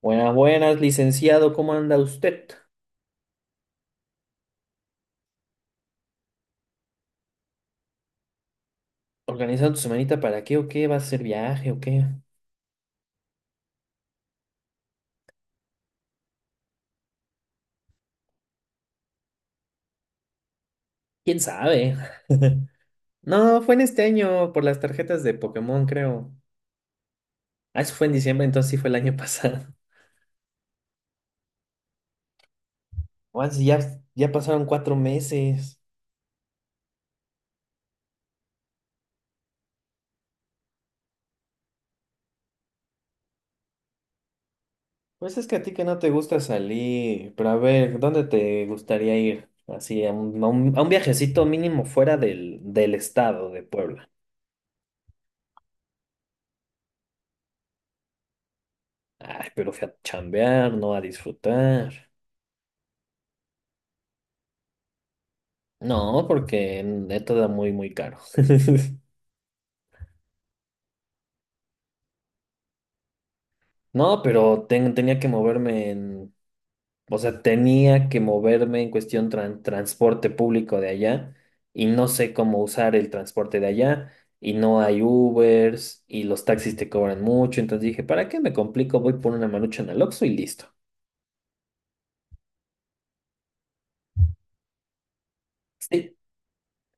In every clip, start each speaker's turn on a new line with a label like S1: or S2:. S1: Buenas, buenas, licenciado, ¿cómo anda usted? ¿Organizando su semanita para qué o qué? ¿Va a hacer viaje o qué? ¿Quién sabe? No, fue en este año por las tarjetas de Pokémon, creo. Ah, eso fue en diciembre, entonces sí fue el año pasado. Juan, si ya, ya pasaron 4 meses. Pues es que a ti que no te gusta salir, pero a ver, ¿dónde te gustaría ir? Así, a un viajecito mínimo fuera del estado de Puebla. Ay, pero fui a chambear, no a disfrutar. No, porque esto da muy, muy caro. No, pero tenía que moverme en, o sea, tenía que moverme en cuestión transporte público de allá y no sé cómo usar el transporte de allá, y no hay Ubers y los taxis te cobran mucho, entonces dije, ¿para qué me complico? Voy por una marucha en el Oxxo y listo. Sí,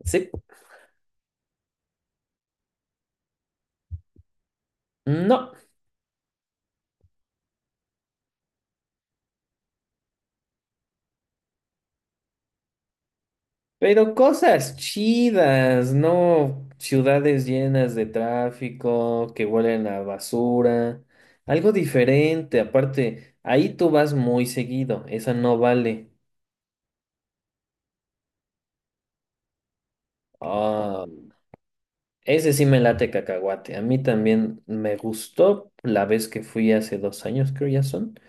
S1: sí, no. Pero cosas chidas, no ciudades llenas de tráfico, que huelen a basura, algo diferente. Aparte, ahí tú vas muy seguido, esa no vale. Ah, mm. Ese sí me late cacahuate. A mí también me gustó la vez que fui hace 2 años, creo ya son.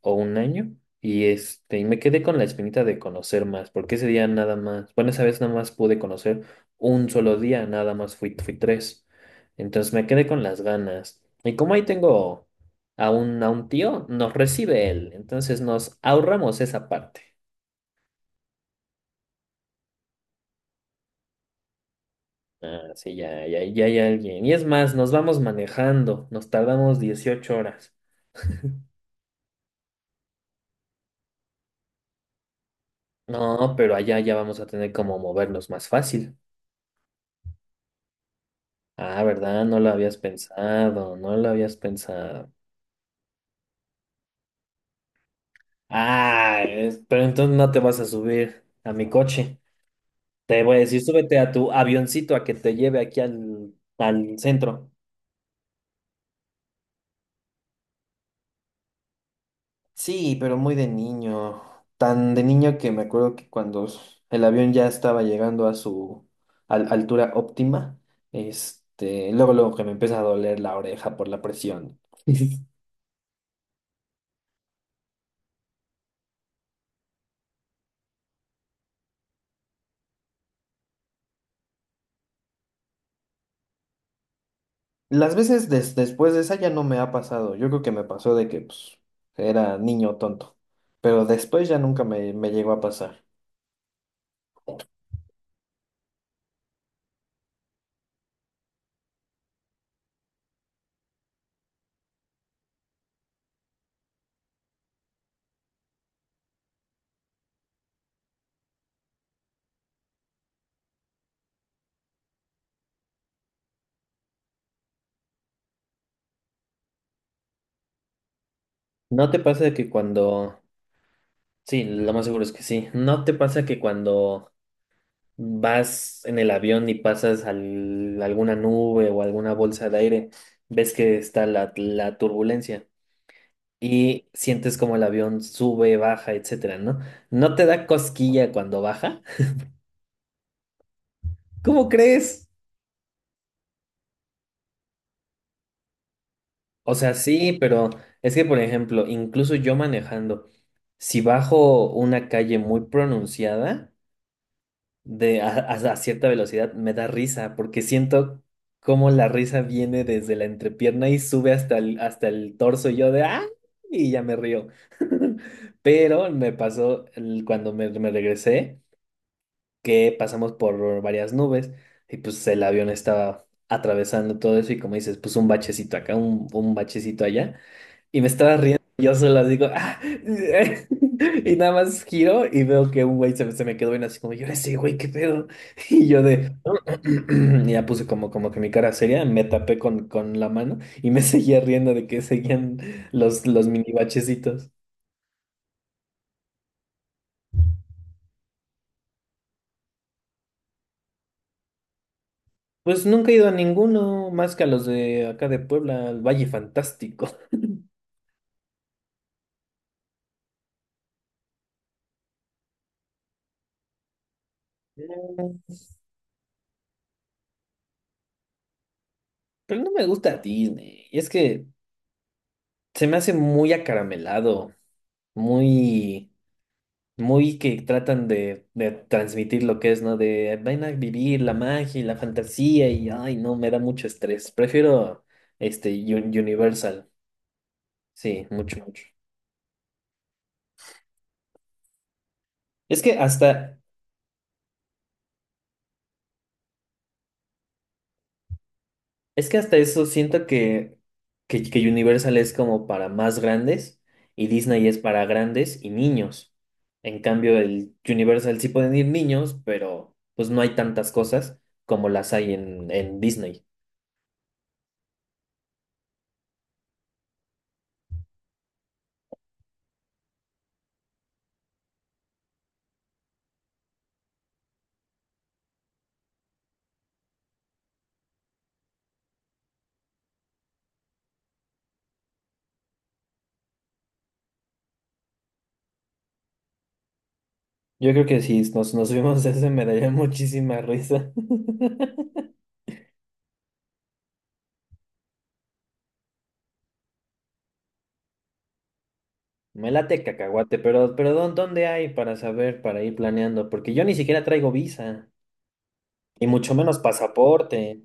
S1: O un año, y y me quedé con la espinita de conocer más, porque ese día nada más, bueno, esa vez nada más pude conocer un solo día, nada más fui tres. Entonces me quedé con las ganas. Y como ahí tengo a un tío, nos recibe él, entonces nos ahorramos esa parte. Ah, sí, ya, ya, ya hay alguien. Y es más, nos vamos manejando, nos tardamos 18 horas. No, pero allá ya vamos a tener como movernos más fácil. Ah, ¿verdad? No lo habías pensado, no lo habías pensado. Ah, pero entonces no te vas a subir a mi coche. Te voy a decir, súbete a tu avioncito a que te lleve aquí al centro. Sí, pero muy de niño. Tan de niño que me acuerdo que cuando el avión ya estaba llegando a su altura óptima, luego que me empieza a doler la oreja por la presión. Las veces después de esa ya no me ha pasado. Yo creo que me pasó de que pues, era niño tonto. Pero después ya nunca me llegó a pasar. ¿No te pasa que cuando... Sí, lo más seguro es que sí. ¿No te pasa que cuando vas en el avión y pasas alguna nube o alguna bolsa de aire, ves que está la turbulencia y sientes como el avión sube, baja, etcétera, ¿no? ¿No te da cosquilla cuando baja? ¿Cómo crees? O sea, sí, pero es que, por ejemplo, incluso yo manejando, si bajo una calle muy pronunciada de a cierta velocidad, me da risa, porque siento cómo la risa viene desde la entrepierna y sube hasta el torso, y yo de ¡ah! Y ya me río. Pero me pasó cuando me regresé, que pasamos por varias nubes y pues el avión estaba atravesando todo eso y como dices, pues un bachecito acá, un bachecito allá. Y me estaba riendo, y yo solo digo, "Ah", y nada más giro y veo que un güey se me quedó bien así como, yo ese güey, qué pedo. Y yo de, y ya puse como, como que mi cara seria, me tapé con la mano y me seguía riendo de que seguían los mini bachecitos. Pues nunca he ido a ninguno más que a los de acá de Puebla, al Valle Fantástico. Mm, Pero no me gusta Disney, y es que se me hace muy acaramelado, muy... muy que tratan de transmitir lo que es, ¿no? De ven a vivir la magia y la fantasía, y ay, no, me da mucho estrés. Prefiero Universal. Sí, mucho, mucho. Es que hasta, es que hasta eso siento que, Universal es como para más grandes y Disney es para grandes y niños. En cambio, el Universal sí pueden ir niños, pero pues no hay tantas cosas como las hay en Disney. Yo creo que sí, nos, nos vimos ese, me daría muchísima risa. Me late cacahuate, pero, pero ¿dónde hay para saber, para ir planeando? Porque yo ni siquiera traigo visa, y mucho menos pasaporte.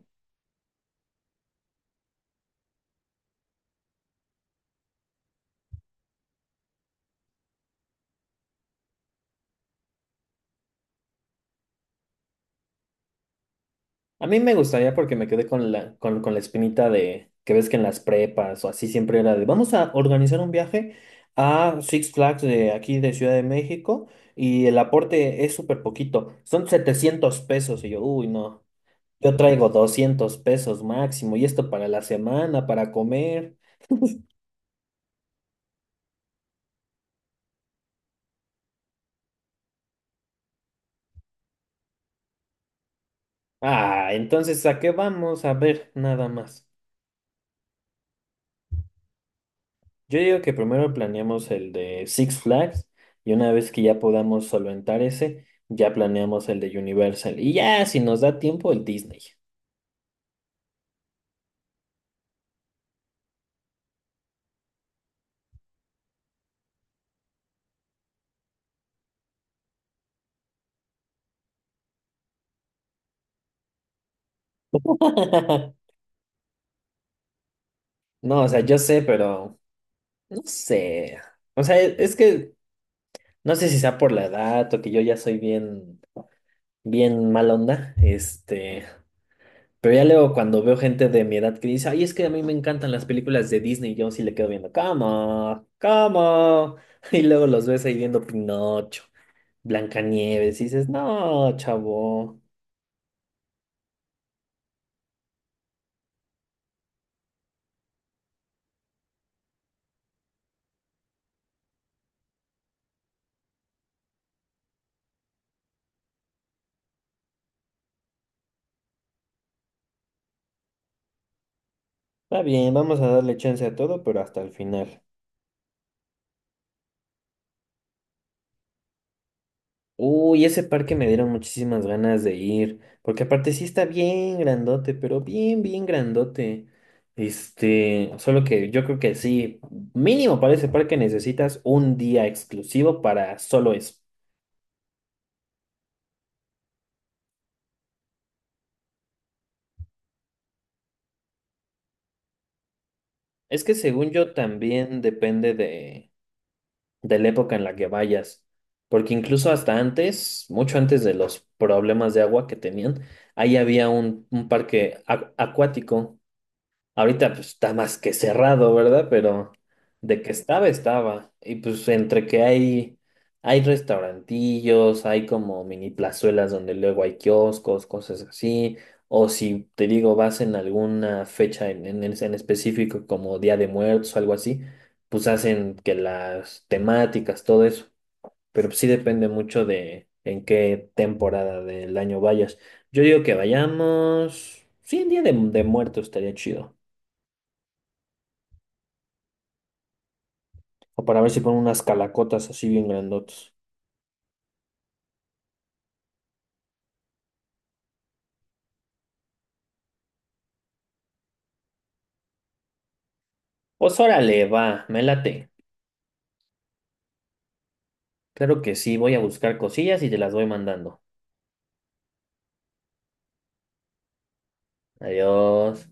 S1: A mí me gustaría porque me quedé con la espinita de que ves que en las prepas o así siempre era de vamos a organizar un viaje a Six Flags de aquí de Ciudad de México, y el aporte es súper poquito, son 700 pesos. Y yo, uy, no. Yo traigo 200 pesos máximo y esto para la semana, para comer. Ah, entonces, ¿a qué vamos? A ver, nada más. Yo digo que primero planeamos el de Six Flags y una vez que ya podamos solventar ese, ya planeamos el de Universal. Y ya, si nos da tiempo, el Disney. No, o sea, yo sé, pero no sé. O sea, es que no sé si sea por la edad o que yo ya soy bien, bien mal onda. Pero ya luego cuando veo gente de mi edad que dice, ay, es que a mí me encantan las películas de Disney, yo sí le quedo viendo, cama, cama. Y luego los ves ahí viendo Pinocho, Blancanieves, y dices, no, chavo, está bien, vamos a darle chance a todo, pero hasta el final. Uy, ese parque me dieron muchísimas ganas de ir, porque aparte sí está bien grandote, pero bien, bien grandote. Solo que yo creo que sí, mínimo para ese parque necesitas un día exclusivo para solo eso. Es que según yo también depende de la época en la que vayas, porque incluso hasta antes, mucho antes de los problemas de agua que tenían, ahí había un parque acuático. Ahorita pues está más que cerrado, ¿verdad? Pero de que estaba, estaba. Y pues entre que hay restaurantillos, hay como mini plazuelas donde luego hay kioscos, cosas así. O si te digo, vas en alguna fecha en, en específico como Día de Muertos o algo así, pues hacen que las temáticas, todo eso. Pero pues, sí depende mucho de en qué temporada del año vayas. Yo digo que vayamos. Sí, en Día de Muertos estaría chido. O para ver si ponen unas calacotas así bien grandotas. Pues órale, va, me late. Claro que sí, voy a buscar cosillas y te las voy mandando. Adiós.